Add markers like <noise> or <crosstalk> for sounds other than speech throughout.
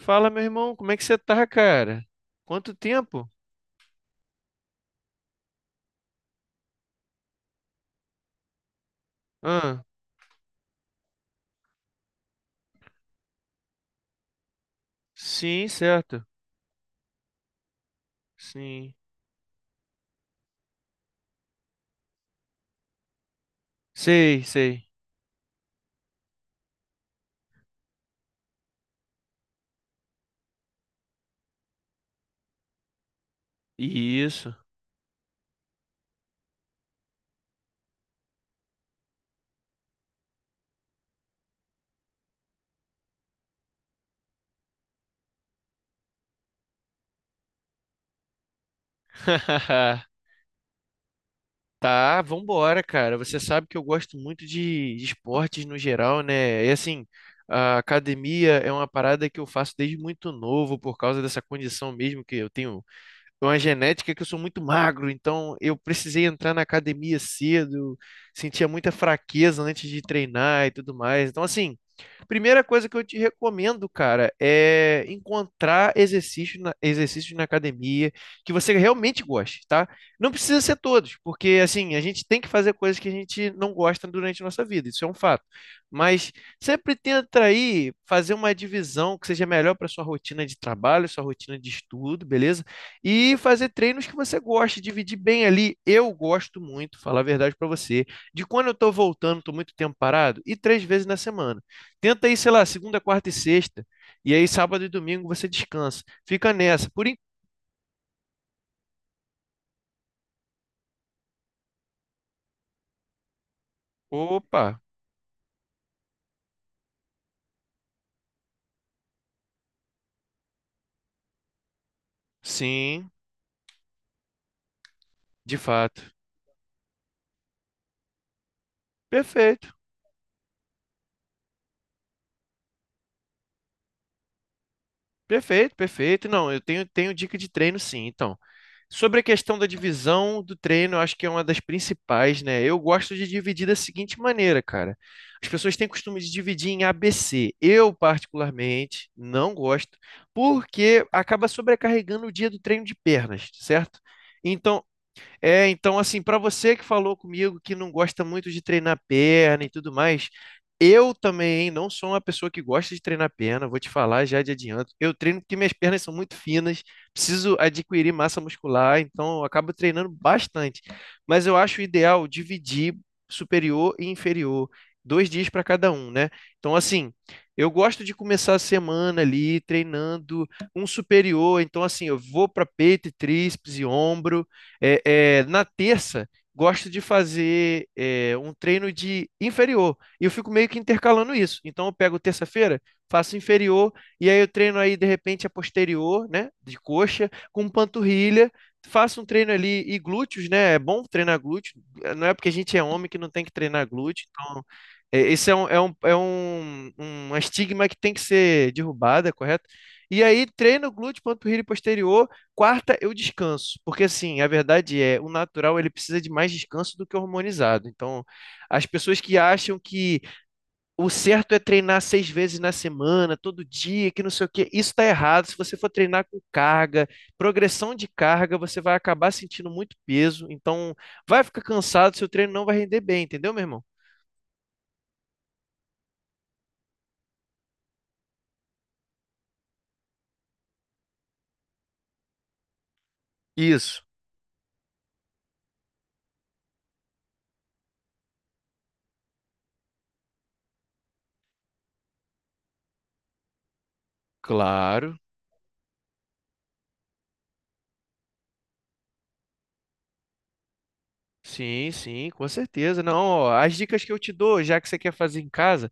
Fala, meu irmão, como é que você tá, cara? Quanto tempo? Ah, sim, certo. Sim. Sei, sei. Isso. <laughs> Tá, vambora, cara. Você sabe que eu gosto muito de esportes no geral, né? E assim, a academia é uma parada que eu faço desde muito novo, por causa dessa condição mesmo que eu tenho uma genética que eu sou muito magro, então eu precisei entrar na academia cedo, sentia muita fraqueza antes de treinar e tudo mais. Então, assim, primeira coisa que eu te recomendo, cara, é encontrar exercícios na academia que você realmente goste, tá? Não precisa ser todos, porque, assim, a gente tem que fazer coisas que a gente não gosta durante a nossa vida, isso é um fato. Mas sempre tenta aí fazer uma divisão que seja melhor para sua rotina de trabalho, sua rotina de estudo, beleza? E fazer treinos que você gosta, dividir bem ali. Eu gosto muito, falar a verdade para você, de quando eu estou voltando, estou muito tempo parado, e três vezes na semana. Tenta aí, sei lá, segunda, quarta e sexta, e aí sábado e domingo você descansa. Fica nessa. Por en- Opa, sim, de fato. Perfeito, perfeito, perfeito. Não, eu tenho, tenho dica de treino, sim. Então. Sobre a questão da divisão do treino, eu acho que é uma das principais, né? Eu gosto de dividir da seguinte maneira, cara. As pessoas têm costume de dividir em ABC. Eu, particularmente, não gosto, porque acaba sobrecarregando o dia do treino de pernas, certo? Então, então, assim, para você que falou comigo que não gosta muito de treinar perna e tudo mais, eu também não sou uma pessoa que gosta de treinar perna, vou te falar já de adianto. Eu treino porque minhas pernas são muito finas, preciso adquirir massa muscular, então eu acabo treinando bastante. Mas eu acho ideal dividir superior e inferior, dois dias para cada um, né? Então, assim, eu gosto de começar a semana ali treinando um superior, então, assim, eu vou para peito, e tríceps e ombro. É, na terça, gosto de fazer um treino de inferior. E eu fico meio que intercalando isso. Então, eu pego terça-feira, faço inferior, e aí eu treino aí, de repente, a posterior, né? De coxa, com panturrilha. Faço um treino ali e glúteos, né? É bom treinar glúteo. Não é porque a gente é homem que não tem que treinar glúteo. Então, esse é um estigma que tem que ser derrubada, correto? E aí, treino glúteo, panturrilha e posterior. Quarta, eu descanso, porque assim, a verdade é, o natural ele precisa de mais descanso do que o hormonizado. Então, as pessoas que acham que o certo é treinar seis vezes na semana, todo dia, que não sei o quê, isso está errado. Se você for treinar com carga, progressão de carga, você vai acabar sentindo muito peso. Então, vai ficar cansado, seu treino não vai render bem, entendeu, meu irmão? Isso. Claro, sim, sim, com certeza. Não, ó, as dicas que eu te dou, já que você quer fazer em casa.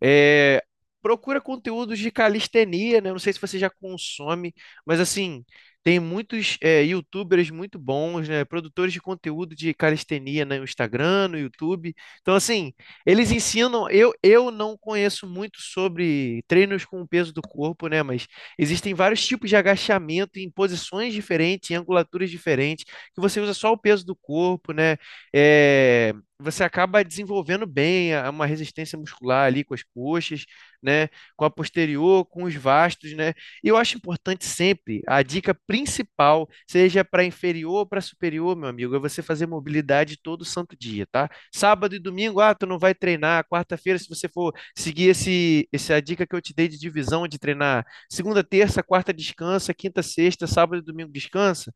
É, procura conteúdos de calistenia, né? Não sei se você já consome, mas assim, tem muitos YouTubers muito bons, né? Produtores de conteúdo de calistenia, né? No Instagram, no YouTube. Então, assim, eles ensinam. Eu não conheço muito sobre treinos com o peso do corpo, né? Mas existem vários tipos de agachamento em posições diferentes, em angulaturas diferentes, que você usa só o peso do corpo, né? É, você acaba desenvolvendo uma resistência muscular ali com as coxas, né? Com a posterior, com os vastos, né? E eu acho importante sempre, a dica principal, seja para inferior ou para superior, meu amigo, é você fazer mobilidade todo santo dia, tá? Sábado e domingo, ah, tu não vai treinar. Quarta-feira, se você for seguir essa dica que eu te dei de divisão de treinar, segunda, terça, quarta descansa, quinta, sexta, sábado e domingo descansa.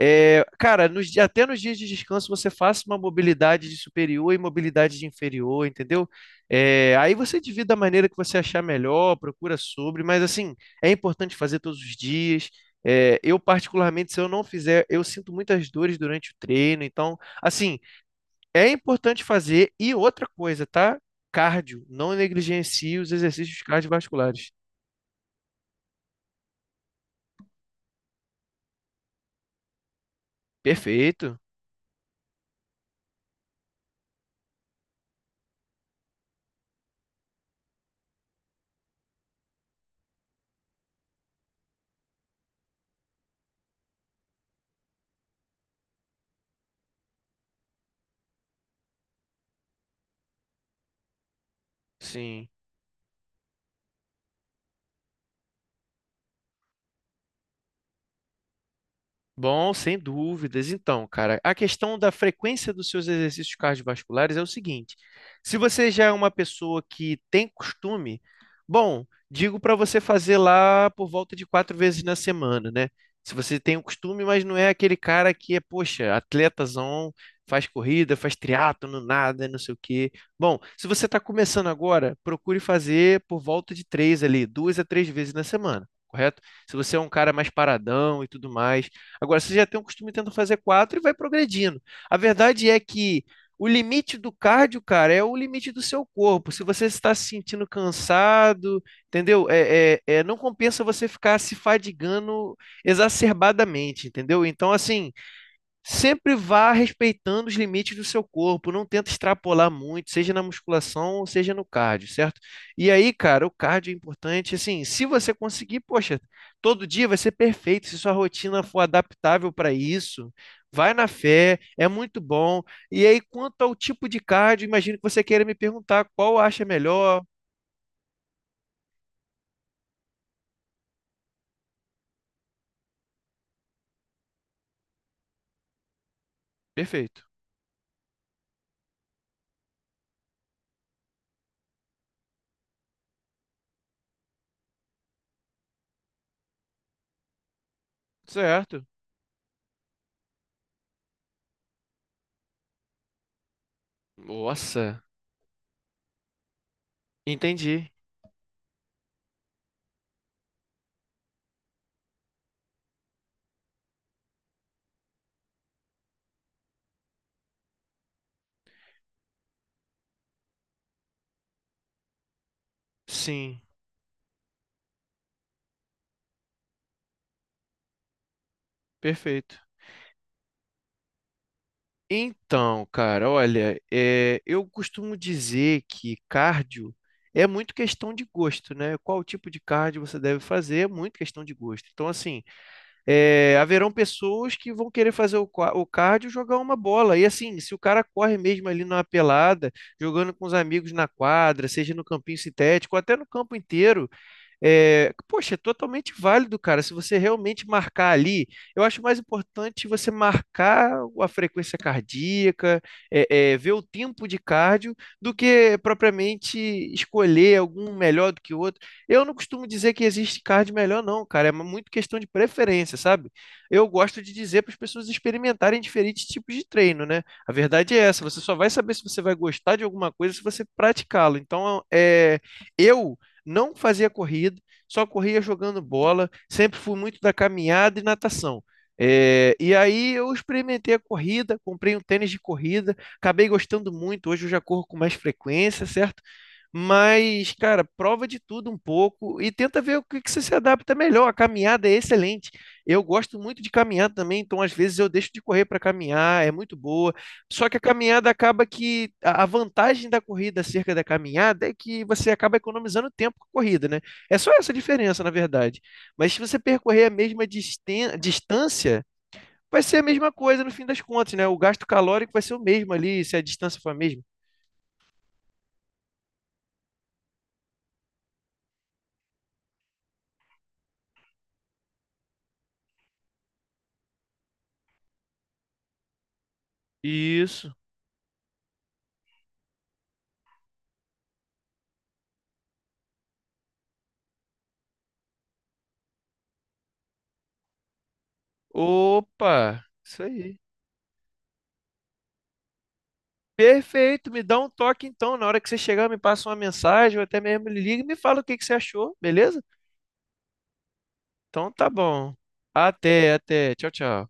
É, cara, até nos dias de descanso você faça uma mobilidade de superior e mobilidade de inferior, entendeu? É, aí você divide da maneira que você achar melhor, procura sobre, mas assim, é importante fazer todos os dias. É, eu, particularmente, se eu não fizer, eu sinto muitas dores durante o treino, então, assim, é importante fazer. E outra coisa, tá? Cardio, não negligencie os exercícios cardiovasculares. Perfeito, sim. Bom, sem dúvidas. Então, cara, a questão da frequência dos seus exercícios cardiovasculares é o seguinte: se você já é uma pessoa que tem costume, bom, digo para você fazer lá por volta de quatro vezes na semana, né? Se você tem o costume, mas não é aquele cara que é, poxa, atletazão, faz corrida, faz triatlo, nada, não sei o quê. Bom, se você está começando agora, procure fazer por volta de três ali, duas a três vezes na semana, correto? Se você é um cara mais paradão e tudo mais. Agora, você já tem um costume tentando fazer quatro e vai progredindo. A verdade é que o limite do cardio, cara, é o limite do seu corpo. Se você está se sentindo cansado, entendeu? Não compensa você ficar se fadigando exacerbadamente, entendeu? Então, assim, sempre vá respeitando os limites do seu corpo, não tenta extrapolar muito, seja na musculação ou seja no cardio, certo? E aí, cara, o cardio é importante, assim, se você conseguir, poxa, todo dia vai ser perfeito, se sua rotina for adaptável para isso, vai na fé, é muito bom. E aí, quanto ao tipo de cardio, imagino que você queira me perguntar qual acha melhor. Perfeito. Certo. Nossa, entendi. Sim, perfeito. Então, cara, olha, eu costumo dizer que cardio é muito questão de gosto, né? Qual tipo de cardio você deve fazer é muito questão de gosto. Então, assim, haverão pessoas que vão querer fazer o cardio e jogar uma bola. E assim, se o cara corre mesmo ali numa pelada, jogando com os amigos na quadra, seja no campinho sintético, ou até no campo inteiro, poxa, é totalmente válido, cara. Se você realmente marcar ali, eu acho mais importante você marcar a frequência cardíaca, ver o tempo de cardio, do que propriamente escolher algum melhor do que o outro. Eu não costumo dizer que existe cardio melhor, não, cara. É muito questão de preferência, sabe? Eu gosto de dizer para as pessoas experimentarem diferentes tipos de treino, né? A verdade é essa. Você só vai saber se você vai gostar de alguma coisa se você praticá-lo. Então, é, eu não fazia corrida, só corria jogando bola, sempre fui muito da caminhada e natação. É, e aí eu experimentei a corrida, comprei um tênis de corrida, acabei gostando muito, hoje eu já corro com mais frequência, certo? Mas, cara, prova de tudo um pouco e tenta ver o que que você se adapta melhor. A caminhada é excelente. Eu gosto muito de caminhar também, então às vezes eu deixo de correr para caminhar, é muito boa. Só que a caminhada acaba que a vantagem da corrida acerca da caminhada é que você acaba economizando tempo com a corrida, né? É só essa diferença, na verdade. Mas se você percorrer a mesma distância, vai ser a mesma coisa no fim das contas, né? O gasto calórico vai ser o mesmo ali, se a distância for a mesma. Isso. Opa, isso aí. Perfeito, me dá um toque então. Na hora que você chegar, me passa uma mensagem, ou até mesmo me liga e me fala o que que você achou, beleza? Então tá bom. Até, até. Tchau, tchau.